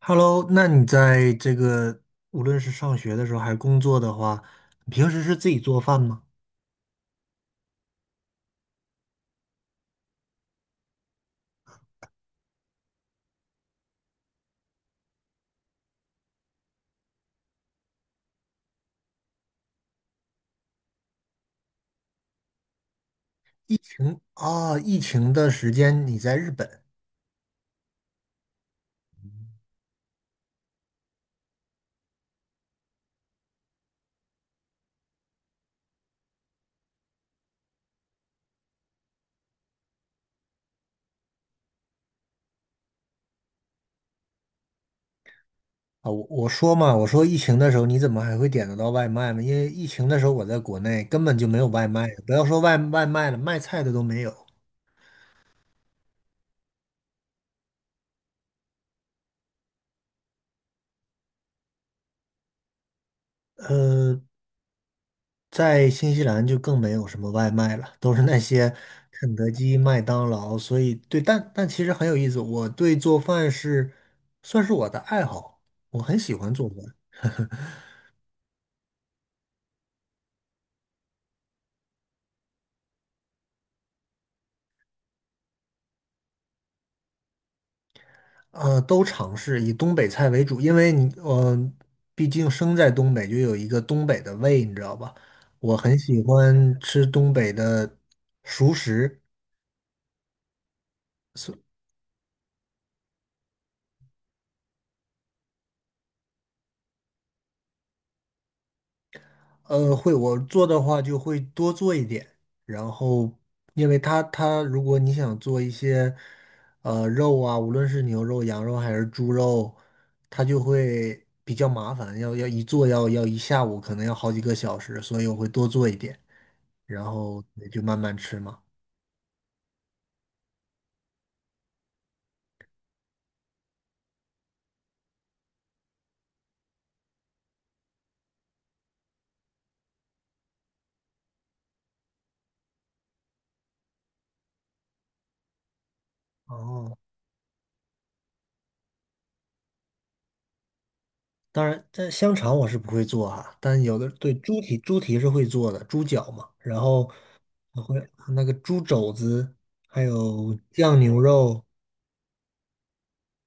Hello，那你在这个无论是上学的时候还是工作的话，你平时是自己做饭吗？疫情啊，疫情的时间你在日本。啊，我说嘛，我说疫情的时候你怎么还会点得到外卖呢？因为疫情的时候我在国内根本就没有外卖，不要说外卖了，卖菜的都没有。嗯。在新西兰就更没有什么外卖了，都是那些肯德基、麦当劳。所以，对，但其实很有意思，我对做饭是算是我的爱好，我很喜欢做饭。都尝试以东北菜为主，因为你，毕竟生在东北，就有一个东北的胃，你知道吧？我很喜欢吃东北的熟食。会，我做的话就会多做一点，然后因为它如果你想做一些肉啊，无论是牛肉、羊肉还是猪肉，它就会比较麻烦，要一做要一下午，可能要好几个小时，所以我会多做一点，然后也就慢慢吃嘛。哦，当然，这香肠我是不会做哈，但有的对猪蹄，猪蹄是会做的，猪脚嘛，然后还会那个猪肘子，还有酱牛肉，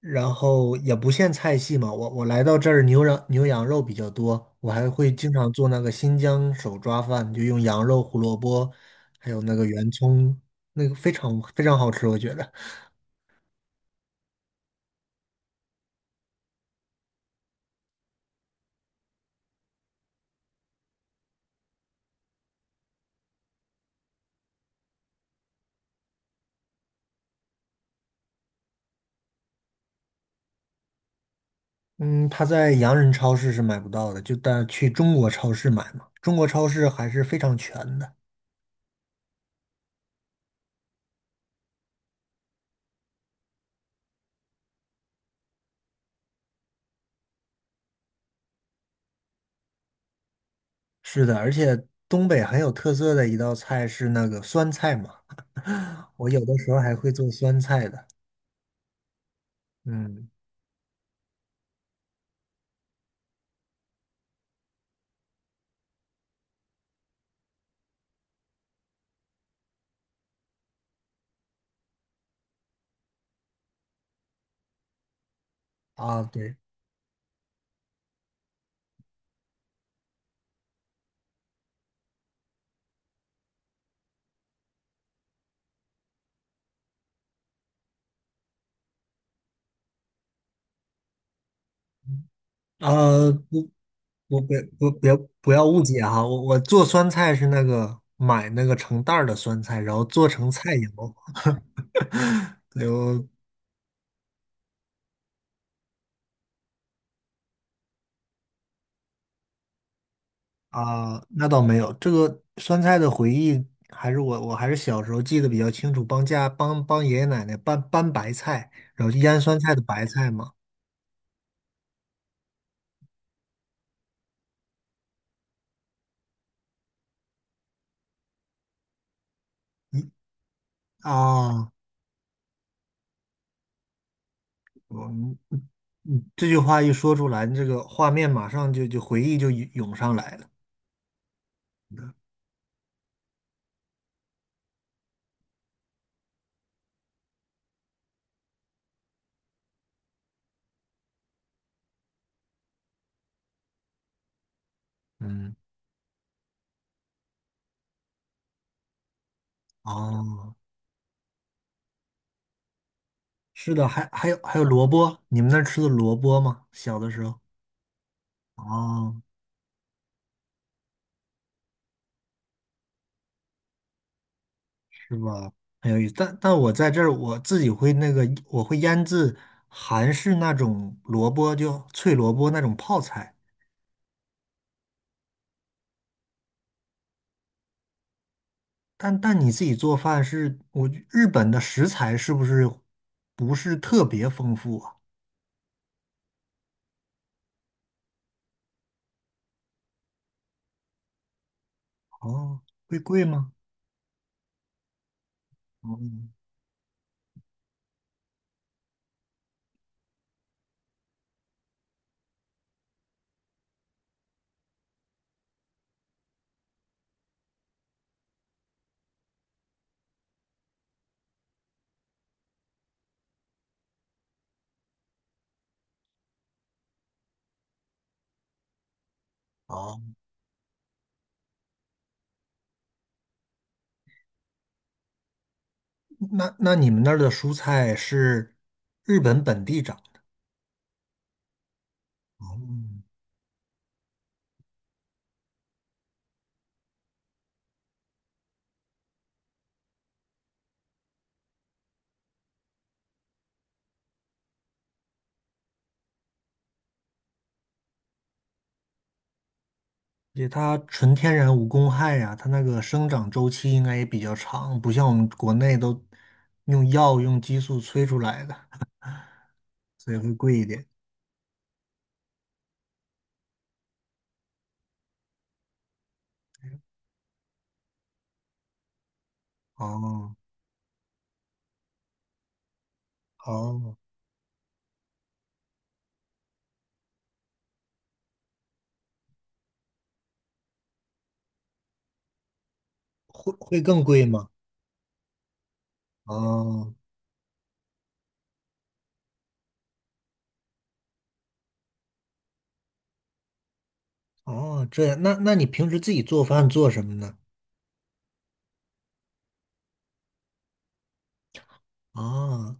然后也不限菜系嘛，我我来到这儿牛羊肉比较多，我还会经常做那个新疆手抓饭，就用羊肉、胡萝卜，还有那个圆葱，那个非常非常好吃，我觉得。嗯，它在洋人超市是买不到的，就但去中国超市买嘛，中国超市还是非常全的。是的，而且东北很有特色的一道菜是那个酸菜嘛，我有的时候还会做酸菜的。嗯，啊，对。啊，不我别不要误解哈，我做酸菜是那个买那个成袋儿的酸菜，然后做成菜肴。对，我啊、那倒没有，这个酸菜的回忆还是我还是小时候记得比较清楚，帮家帮帮爷爷奶奶搬白菜，然后就腌酸菜的白菜嘛。你啊，我嗯这句话一说出来，这个画面马上就回忆就涌上来了。嗯，哦。是的，还有还有萝卜，你们那儿吃的萝卜吗？小的时候，啊，是吧？很有意思。但我在这儿我自己会那个，我会腌制韩式那种萝卜，就脆萝卜那种泡菜。但你自己做饭是，我日本的食材是不是不是特别丰富啊？哦，会贵吗？哦，哦，那那你们那儿的蔬菜是日本本地长？而且它纯天然无公害呀、它那个生长周期应该也比较长，不像我们国内都用药用激素催出来的，所以会贵一点。哦哦，会更贵吗？哦哦，这样，那那你平时自己做饭做什么呢？啊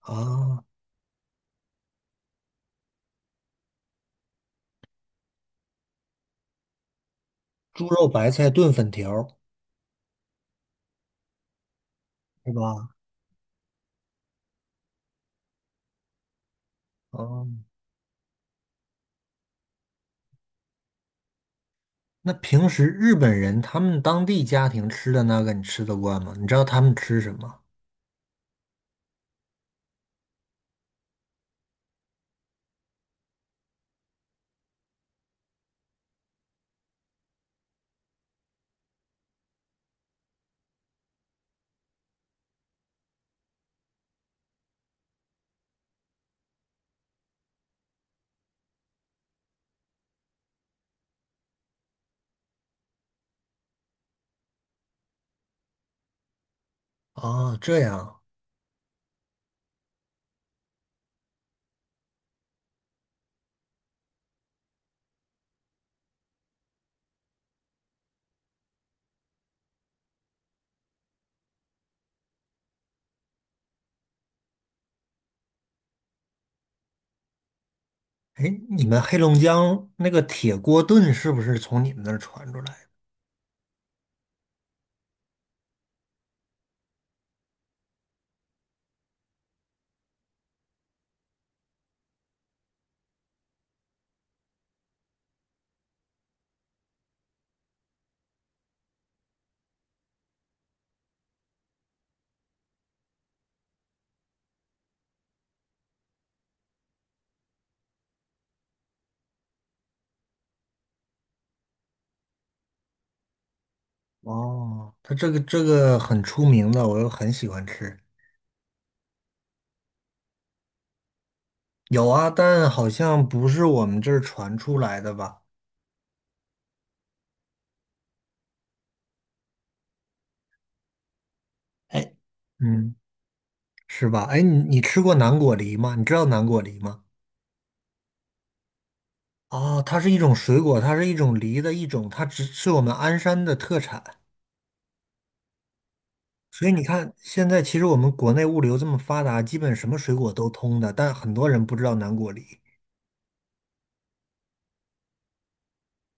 啊，猪肉白菜炖粉条儿是吧？哦，那平时日本人他们当地家庭吃的那个你吃得惯吗？你知道他们吃什么？啊，这样。哎，你们黑龙江那个铁锅炖是不是从你们那儿传出来的？哦，它这个这个很出名的，我又很喜欢吃。有啊，但好像不是我们这儿传出来的吧？哎，嗯，是吧？哎，你吃过南果梨吗？你知道南果梨吗？啊，它是一种水果，它是一种梨的一种，它只是我们鞍山的特产。所以你看，现在其实我们国内物流这么发达，基本什么水果都通的，但很多人不知道南果梨。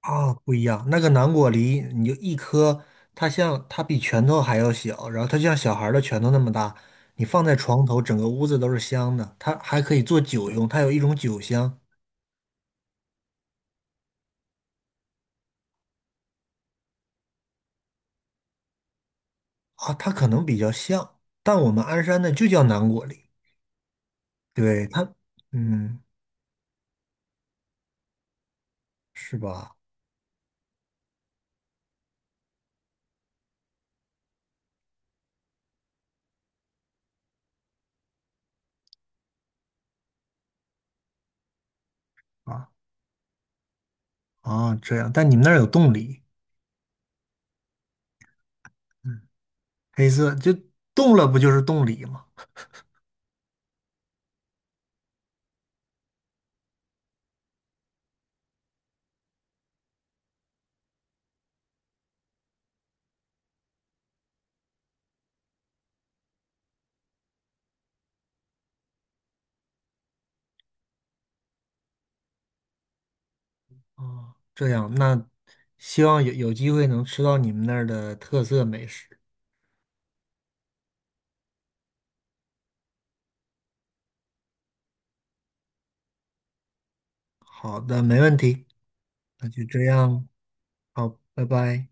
啊，不一样。那个南果梨，你就一颗，它像它比拳头还要小，然后它就像小孩儿的拳头那么大。你放在床头，整个屋子都是香的。它还可以做酒用，它有一种酒香啊，它可能比较像，但我们鞍山的就叫南果梨。对它，嗯，是吧？啊啊，这样。但你们那儿有冻梨，嗯，黑色就冻了，不就是冻梨吗？啊，这样。那希望有机会能吃到你们那儿的特色美食。好的，没问题，那就这样，好，拜拜。